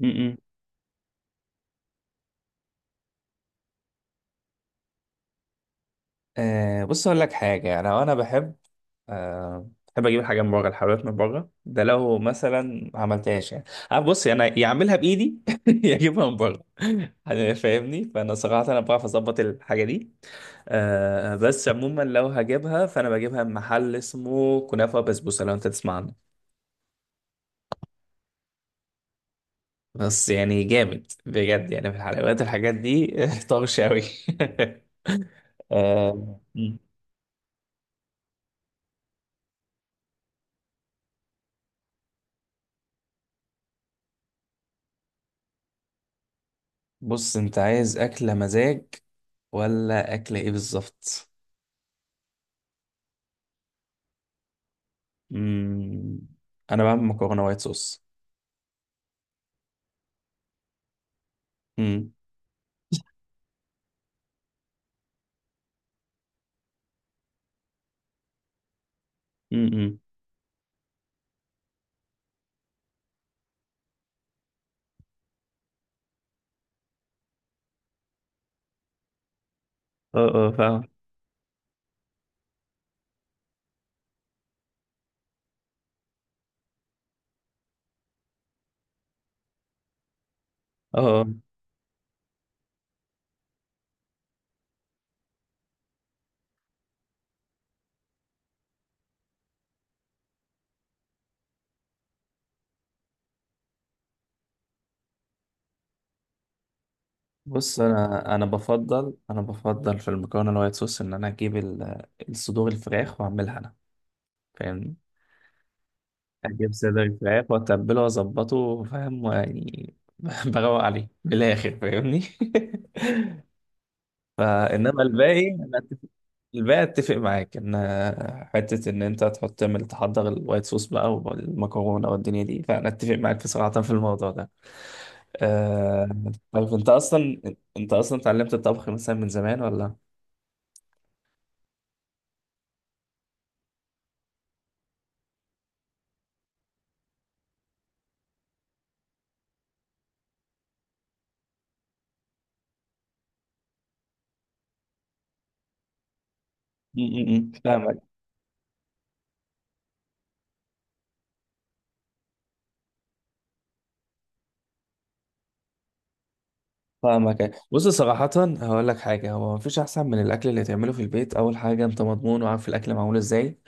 م-م. آه، بص اقول لك حاجه. انا بحب، آه، بحب اجيب الحاجه من بره، الحلويات من بره ده لو مثلا ما عملتهاش يعني. آه، بص انا يا اعملها بايدي يا اجيبها من بره. فاهمني، فانا صراحه انا بعرف اظبط الحاجه دي. آه، بس عموما لو هجيبها فانا بجيبها من محل اسمه كنافه بسبوسه، لو انت تسمع عنه. بس يعني جامد بجد، يعني في الحلويات الحاجات دي طرش قوي. آه. بص انت عايز اكله مزاج ولا اكله ايه بالظبط؟ مم. انا بعمل مكرونه وايت صوص. امم امم اه، اه، فاهم. اه، آه. بص انا بفضل في المكرونه الوايت صوص ان انا اجيب الصدور الفراخ واعملها انا. فاهم. اجيب صدر الفراخ واتبله واظبطه، فاهم يعني، بروق عليه بالاخر، فاهمني. فانما الباقي انا اتفق، الباقي اتفق معاك ان، آه، حته ان انت تحط تعمل تحضر الوايت صوص بقى، والمكرونه والدنيا دي، فانا اتفق معاك، في صراحه، في الموضوع ده. أه... طيب انت اصلا، انت اصلا اتعلمت الطبخ مثلا من زمان ولا؟ م- م- م. فاهمك. فاهمك، بص صراحة هقول لك حاجة. هو مفيش أحسن من الأكل اللي تعمله في البيت. أول حاجة أنت مضمون وعارف الأكل معمول إزاي.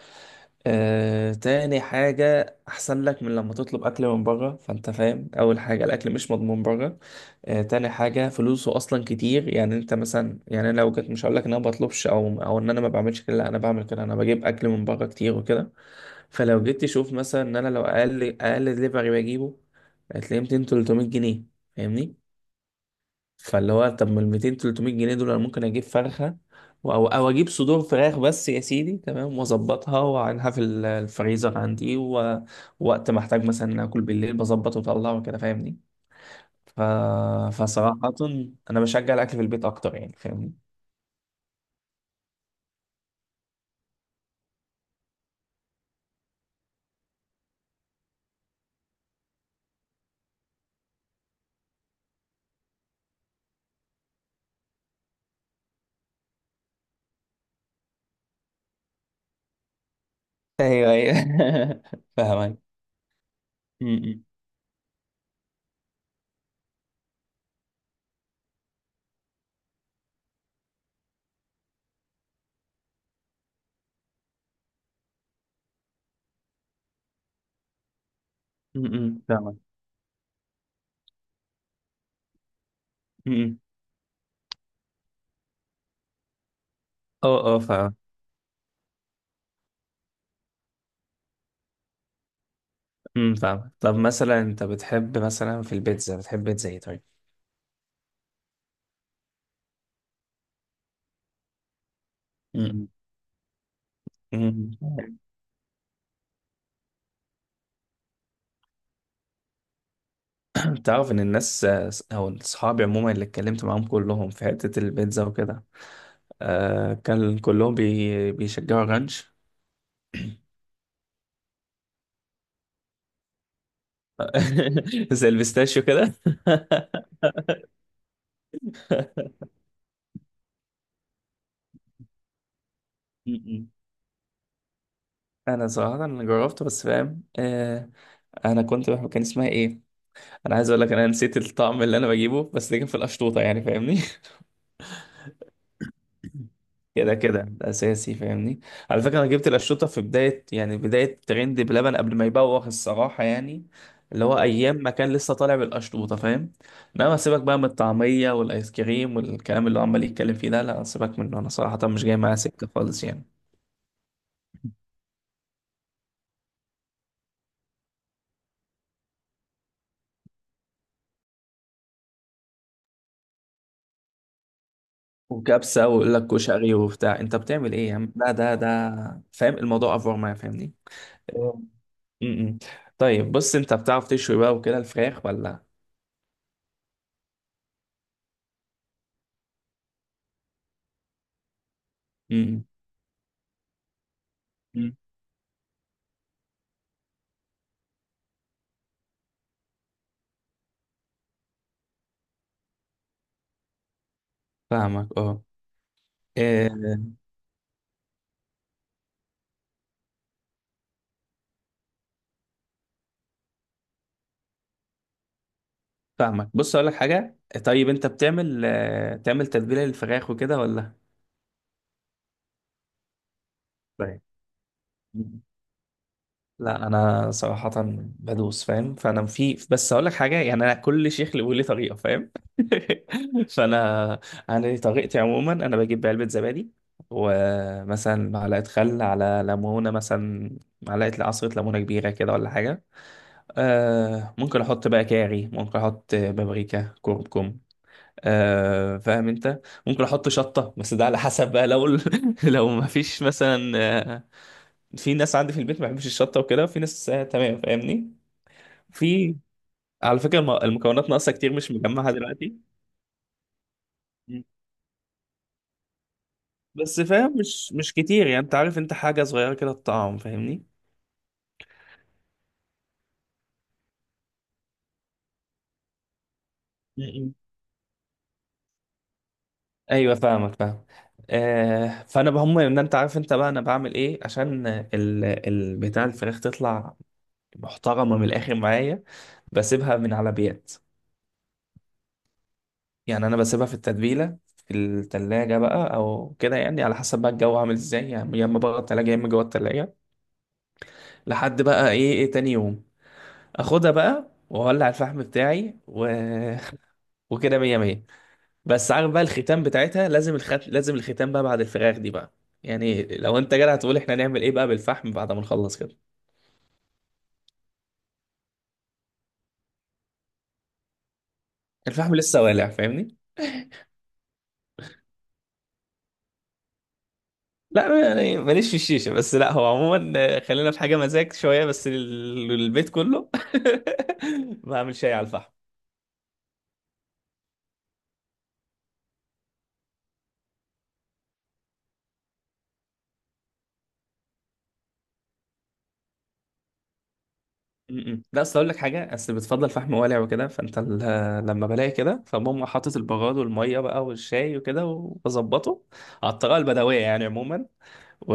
آه، تاني حاجة أحسن لك من لما تطلب أكل من بره، فأنت فاهم أول حاجة الأكل مش مضمون بره. آه، تاني حاجة فلوسه أصلا كتير. يعني أنت مثلا، يعني أنا لو كنت، مش هقولك إن أنا بطلبش أو إن أنا ما بعملش كده، لا أنا بعمل كده، أنا بجيب أكل من بره كتير وكده. فلو جيت تشوف مثلا إن أنا لو أقل دليفري بجيبه، هتلاقيه 200 300 جنيه، فاهمني. فاللي هو طب ما ال 200 300 جنيه دول انا ممكن اجيب فرخه، او اجيب صدور فراخ بس يا سيدي، تمام، واظبطها واعينها في الفريزر عندي، و ووقت ما احتاج مثلا اكل بالليل بظبط واطلع وكده، فاهمني. ف... فصراحه انا بشجع الاكل في البيت اكتر، يعني فاهمني. ايوه، ايوه, فاهمك. م- م- فاهمك. م- م. اه، اه، فاهم. م- فاهم. طب مثلا انت بتحب مثلا في البيتزا بتحب بيتزا ايه طيب؟ م- مم. م. تعرف ان الناس، او اصحابي عموما اللي اتكلمت معاهم، كلهم في حتة البيتزا وكده، آه، كان كلهم بيشجعوا رانش. زي البيستاشيو كده. م-م. انا صراحة انا جربته بس، فاهم، آه. انا كنت بحب، كان اسمها ايه، انا عايز اقول لك، انا نسيت الطعم اللي انا بجيبه، بس ده كان في القشطوطة يعني، فاهمني. كده كده ده اساسي، فاهمني. على فكره انا جبت القشطوطه في بدايه، يعني بدايه ترند بلبن، قبل ما يبوخ الصراحه يعني. اللي هو مم، ايام ما كان لسه طالع بالقشطوطه، فاهم. انما سيبك بقى من الطعميه والايس كريم والكلام اللي هو عمال يتكلم فيه ده، لا سيبك منه، انا صراحه مش جاي معايا سكه خالص يعني. وكبسه ويقول لك كشري وبتاع، انت بتعمل ايه يا عم؟ لا ده فاهم الموضوع افور معايا، فاهمني. آه. م-م. طيب بص، انت بتعرف تشوي بقى وكده الفراخ ولا؟ م-م. مم. فاهمك، اه، آه، فاهمك. بص اقول لك حاجه، طيب انت بتعمل، آه، تعمل تتبيله للفراخ وكده ولا؟ طيب. لا انا صراحه بدوس فاهم. فانا في، بس اقول لك حاجه، يعني انا كل شيخ له لي طريقه، فاهم. فانا انا لي طريقتي عموما. انا بجيب علبه زبادي، ومثلا معلقه خل على ليمونه، مثلا معلقه عصره ليمونه كبيره كده ولا حاجه. أه، ممكن احط بقى كاري، ممكن احط بابريكا، كركم، آه فاهم انت. ممكن احط شطه بس ده على حسب بقى، لو لو ما فيش مثلا، آه، في ناس عندي في البيت ما بيحبش الشطه وكده، في ناس آه، تمام، فاهمني. في، على فكره المكونات ناقصه كتير، مش مجمعها دلوقتي. م- بس فاهم، مش كتير يعني، انت عارف، انت حاجه صغيره كده الطعم، فاهمني. م- ايوه، فاهمك، فاهم. آه، فانا بهم ان انت عارف انت بقى انا بعمل ايه عشان بتاع الفراخ تطلع محترمه من الاخر معايا. بسيبها من على بيات، يعني انا بسيبها في التتبيله في التلاجة بقى او كده، يعني على حسب بقى الجو عامل ازاي يعني، يا اما بره التلاجة يا اما جوه التلاجة، لحد بقى ايه، تاني يوم اخدها بقى واولع الفحم بتاعي، وكده مية مية. بس عارف بقى الختام بتاعتها لازم، لازم الختام بقى بعد الفراخ دي بقى، يعني لو انت جدع هتقول احنا نعمل ايه بقى بالفحم بعد ما نخلص كده. الفحم لسه والع، فاهمني. لا يعني ماليش في الشيشه، بس لا هو عموما، آه، خلينا في حاجه مزاج شويه بس للبيت كله. بعمل شاي على الفحم. م- م. لا اصل اقول لك حاجه، اصل بتفضل فحم والع وكده، فانت لما بلاقي كده فبقوم حاطط البغاد والميه بقى والشاي وكده وبظبطه على الطريقه البدويه يعني عموما، و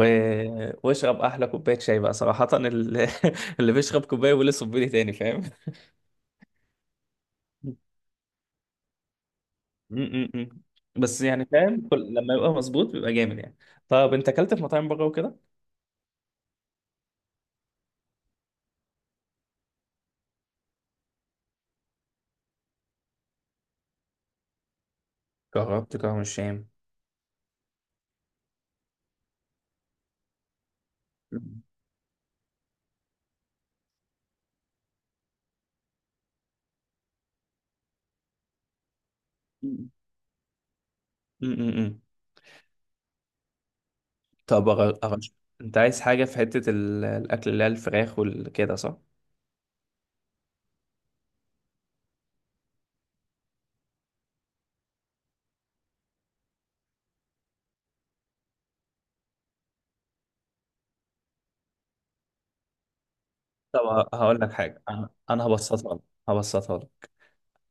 واشرب احلى كوبايه شاي بقى صراحه، اللي بيشرب كوبايه ولا صبيلي تاني، فاهم. م- م- م. بس يعني فاهم، كل، لما يبقى مظبوط بيبقى جامد يعني. طب انت اكلت في مطاعم بره وكده؟ جربت كرم الشام. امم. طب انت عايز حاجة في حتة الأكل اللي هي الفراخ والكده صح؟ طب هقول لك حاجة، أنا هبسطها لك، هبسطها لك،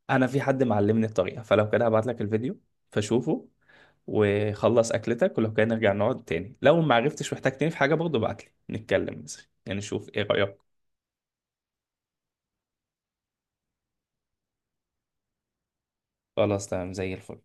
أنا في حد معلمني الطريقة، فلو كده هبعت لك الفيديو، فشوفه وخلص أكلتك، ولو كده نرجع نقعد تاني، لو ما عرفتش واحتجتني في حاجة برضه ابعت لي نتكلم مثلا يعني، نشوف إيه رأيك؟ خلاص تمام زي الفل.